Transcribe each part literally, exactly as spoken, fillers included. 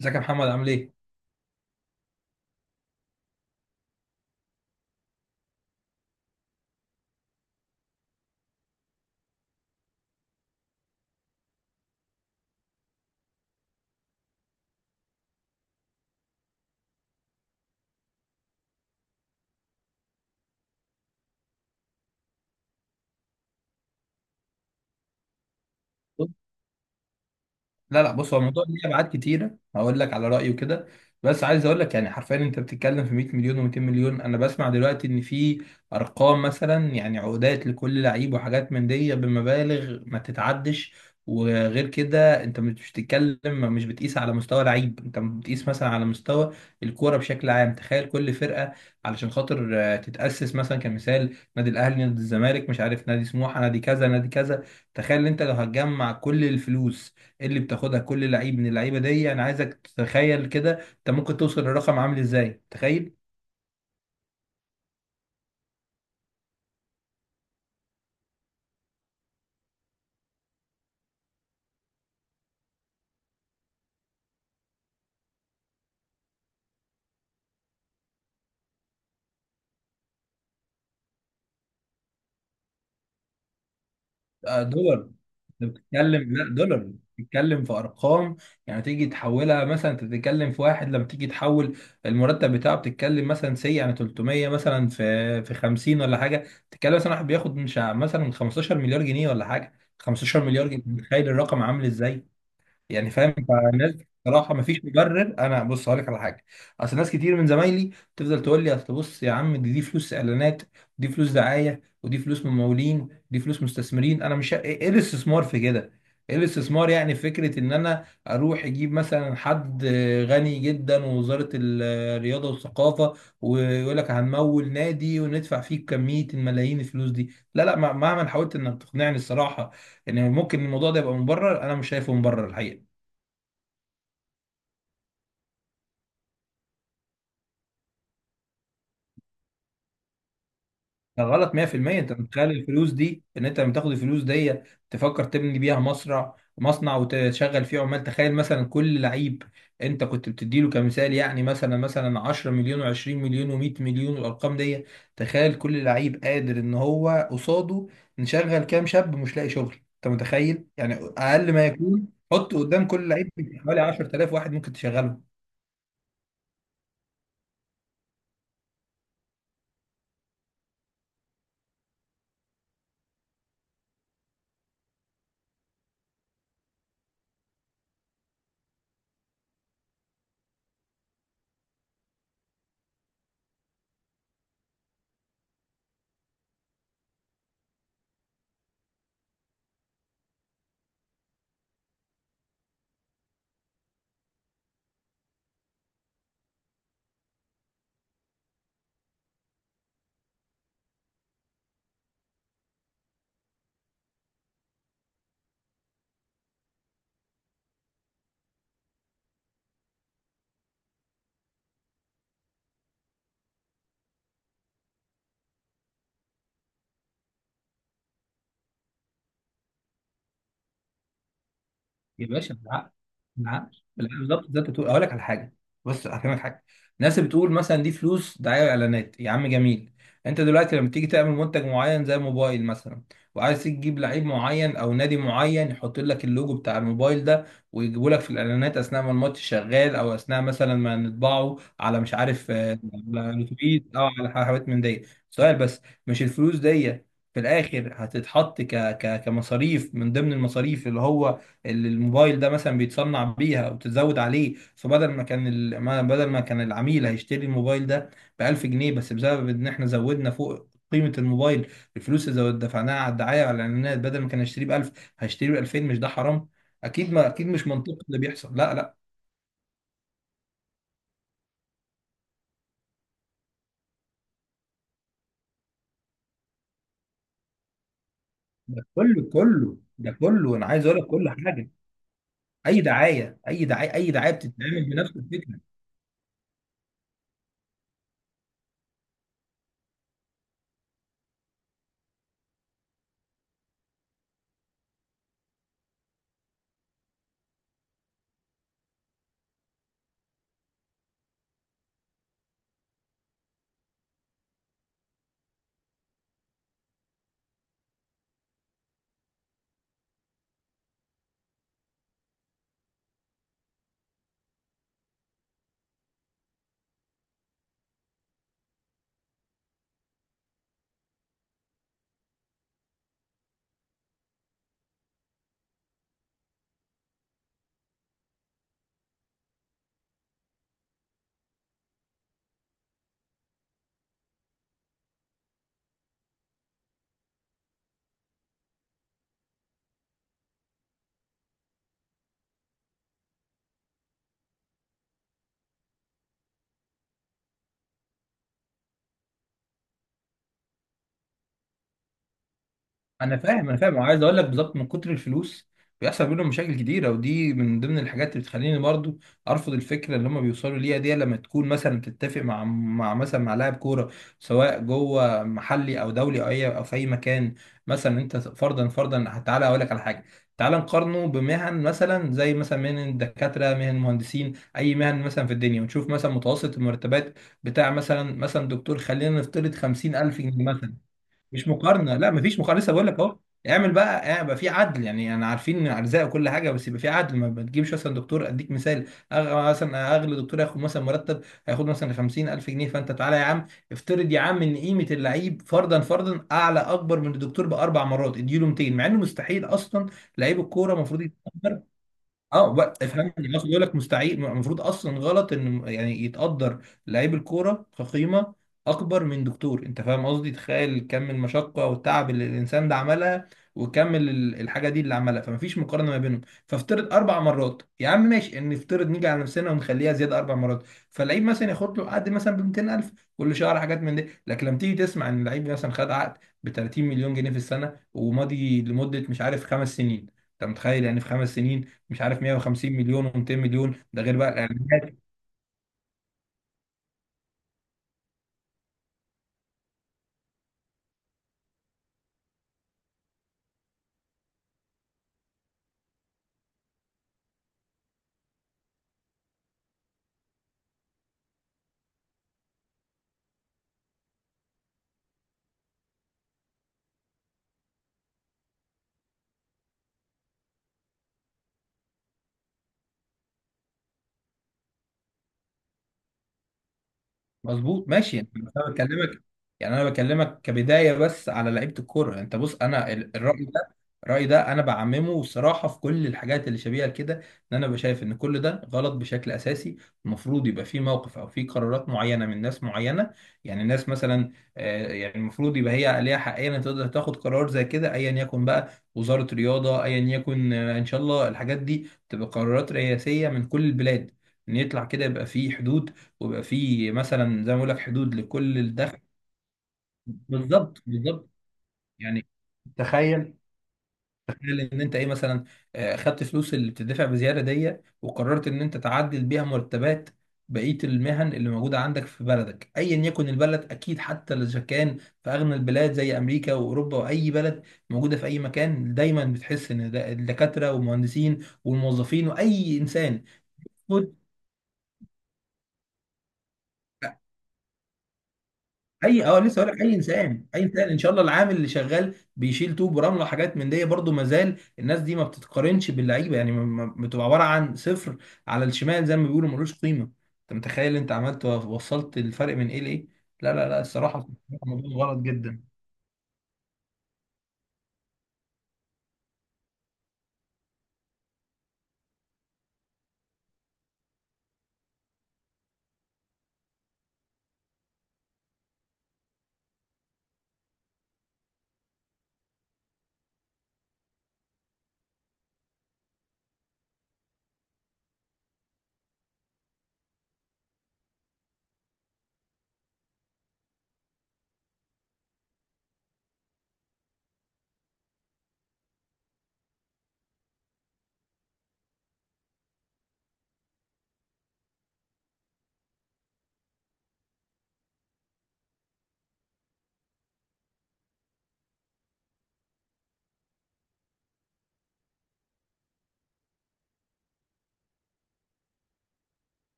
ازيك يا محمد عامل ايه؟ لا لا، بص، هو الموضوع ليه ابعاد كتيره. هقول لك على رايي وكده. بس عايز اقول لك يعني حرفيا، انت بتتكلم في 100 مليون و200 مليون. انا بسمع دلوقتي ان في ارقام، مثلا يعني عقودات لكل لعيب، وحاجات من دي بمبالغ ما تتعدش. وغير كده انت مش بتتكلم مش بتقيس على مستوى لعيب، انت بتقيس مثلا على مستوى الكوره بشكل عام. تخيل كل فرقه علشان خاطر آه، تتاسس، مثلا كمثال نادي الاهلي، نادي الزمالك، مش عارف نادي سموحه، نادي كذا نادي كذا. تخيل انت لو هتجمع كل الفلوس اللي بتاخدها كل لعيب من اللعيبه دي، انا عايزك تتخيل كده انت ممكن توصل للرقم عامل ازاي، تخيل. آه، دولار. انت بتتكلم، لا دولار، بتتكلم في ارقام. يعني تيجي تحولها، مثلا انت بتتكلم في واحد لما تيجي تحول المرتب بتاعه، بتتكلم مثلا سي يعني ثلاث مية مثلا في في خمسين ولا حاجه. تتكلم مثلا واحد بياخد مش ع- مثلا خمستاشر مليار جنيه ولا حاجه، خمستاشر مليار جنيه. تخيل الرقم عامل ازاي، يعني فاهم؟ فالناس بصراحه مفيش مبرر. انا بص هقول لك على حاجه، اصل ناس كتير من زمايلي تفضل تقول لي اصل بص يا عم، دي, دي فلوس اعلانات، ودي فلوس دعايه، ودي فلوس ممولين، ودي فلوس مستثمرين. انا مش ايه إيه الاستثمار في كده؟ ايه الاستثمار يعني في فكره ان انا اروح اجيب مثلا حد غني جدا ووزاره الرياضه والثقافه، ويقول لك هنمول نادي وندفع فيه كميه الملايين الفلوس دي؟ لا لا، مهما حاولت انك تقنعني الصراحه، يعني ممكن الموضوع ده يبقى مبرر، انا مش شايفه مبرر الحقيقه. ده غلط مئة في المئة. انت متخيل الفلوس دي، ان انت لما تاخد الفلوس دي تفكر تبني بيها مصنع، مصنع وتشغل فيه عمال؟ تخيل مثلا كل لعيب انت كنت بتديله كمثال، يعني مثلا مثلا عشرة مليون و20 مليون و100 مليون والارقام دي، تخيل كل لعيب قادر ان هو قصاده نشغل كام شاب مش لاقي شغل. انت متخيل يعني؟ اقل ما يكون حط قدام كل لعيب حوالي عشرة آلاف واحد ممكن تشغله. يا باشا بالعقل بالعقل بالعقل، بالظبط زي ما انت بتقول. اقول لك على حاجه، بص هفهمك حاجه. الناس اللي بتقول مثلا دي فلوس دعايه واعلانات، يا عم جميل. انت دلوقتي لما تيجي تعمل منتج معين زي موبايل مثلا، وعايز تجيب لعيب معين او نادي معين يحط لك اللوجو بتاع الموبايل ده ويجيبوا لك في الاعلانات اثناء ما الماتش شغال، او اثناء مثلا ما نطبعه على مش عارف آه، على الاتوبيس او على حاجات من دي. سؤال بس، مش الفلوس دي في الاخر هتتحط ك... ك... كمصاريف من ضمن المصاريف اللي هو اللي الموبايل ده مثلا بيتصنع بيها، وتزود عليه؟ فبدل ما كان ال... ما بدل ما كان العميل هيشتري الموبايل ده ب ألف جنيه بس، بسبب ان احنا زودنا فوق قيمة الموبايل الفلوس اللي زود- دفعناها على الدعاية، على الإعلانات، بدل ما كان يشتريه ب ألف هيشتريه ب ألفين. مش ده حرام؟ أكيد ما أكيد مش منطقي اللي بيحصل، لا لا. ده كله كله ده كله أنا عايز أقول لك كل حاجة. أي دعاية، أي دعاية، أي دعاية بتتعمل بنفس الفكرة. انا فاهم انا فاهم، وعايز اقول لك بالظبط من كتر الفلوس بيحصل بينهم مشاكل كتيره، ودي من ضمن الحاجات اللي بتخليني برضو ارفض الفكره اللي هم بيوصلوا ليها دي. لما تكون مثلا تتفق مع مع مثلا مع لاعب كوره، سواء جوه محلي او دولي او اي او في اي مكان، مثلا انت فرضا فرضا تعالى اقول لك على حاجه. تعالى نقارنه بمهن، مثلا زي مثلا مهن الدكاتره، مهن المهندسين، اي مهن مثلا في الدنيا، ونشوف مثلا متوسط المرتبات بتاع مثلا مثلا دكتور، خلينا نفترض خمسين ألف جنيه مثلا. مش مقارنه، لا مفيش مقارنه، لسه بقول لك اهو. اعمل بقى اعمل- يبقى في عدل، يعني يعني عارفين ارزاق وكل حاجه، بس يبقى في عدل. ما ما تجيبش مثلا دكتور، اديك مثال أغ... مثلا اغلى دكتور هياخد مثلا مرتب هياخد مثلا خمسين ألف جنيه. فانت تعالى يا عم افترض يا عم ان قيمه اللعيب فرضا فرضا اعلى اكبر من الدكتور باربع مرات، اديله ميتين، مع انه مستحيل اصلا. لعيب الكوره المفروض، اه بقى افهمني، المصري بيقول لك مستحيل، المفروض اصلا غلط ان يعني يتقدر لعيب الكوره كقيمه اكبر من دكتور. انت فاهم قصدي؟ تخيل كم المشقه والتعب اللي الانسان ده عملها، وكم ال- الحاجه دي اللي عملها. فمفيش مقارنه ما بينهم. فافترض اربع مرات يا عم ماشي، ان نفترض نيجي على نفسنا ونخليها زياده اربع مرات، فاللعيب مثلا ياخد له عقد مثلا ب ميتين ألف كل شهر، حاجات من دي. لكن لما تيجي تسمع ان اللعيب مثلا خد عقد ب تلاتين مليون جنيه في السنه، وماضي لمده مش عارف خمس سنين. انت متخيل يعني في خمس سنين مش عارف مئة وخمسين مليون و200 مليون، ده غير بقى الاعلانات؟ مظبوط ماشي يعني، انا بكلمك يعني انا بكلمك كبدايه بس على لعيبه الكوره. انت بص انا ال- الراي ده الراي ده انا بعممه صراحه في كل الحاجات اللي شبيهه كده. ان انا بشايف ان كل ده غلط بشكل اساسي. المفروض يبقى في موقف او في قرارات معينه من ناس معينه، يعني ناس مثلا آه، يعني المفروض يبقى هي ليها حقيه ان تقدر تاخد قرار زي كده، ايا يكن بقى وزاره رياضه، ايا يكن. آه، ان شاء الله الحاجات دي تبقى قرارات رئاسيه من كل البلاد، ان يطلع كده يبقى في حدود، ويبقى في مثلا زي ما بقول لك حدود لكل الدخل. بالظبط بالظبط، يعني تخيل تخيل ان انت ايه، مثلا آه، خدت فلوس اللي بتدفع بزياده دي وقررت ان انت تعدل بيها مرتبات بقيه المهن اللي موجوده عندك في بلدك، ايا يكن البلد. اكيد حتى اذا كان في اغنى البلاد زي امريكا واوروبا واي بلد موجوده في اي مكان، دايما بتحس ان ده- الدكاتره والمهندسين والموظفين واي انسان، اي اه لسه هقول لك، اي انسان اي انسان، ان شاء الله العامل اللي شغال بيشيل طوب ورمله وحاجات من دي برضه، ما زال الناس دي ما بتتقارنش باللعيبه. يعني ما- ما- بتبقى عباره عن صفر على الشمال زي ما بيقولوا، ملوش قيمه. انت متخيل؟ انت عملت وصلت الفرق من ايه لايه. لا لا لا، الصراحه الموضوع غلط جدا.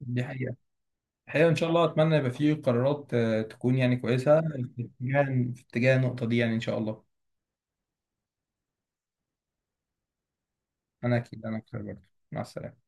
دي حقيقه. الحقيقه ان شاء الله اتمنى يبقى فيه قرارات آه، تكون يعني كويسه في اتجاه، في اتجاه النقطه دي يعني ان شاء الله. انا اكيد انا اكتر برضه. مع السلامه.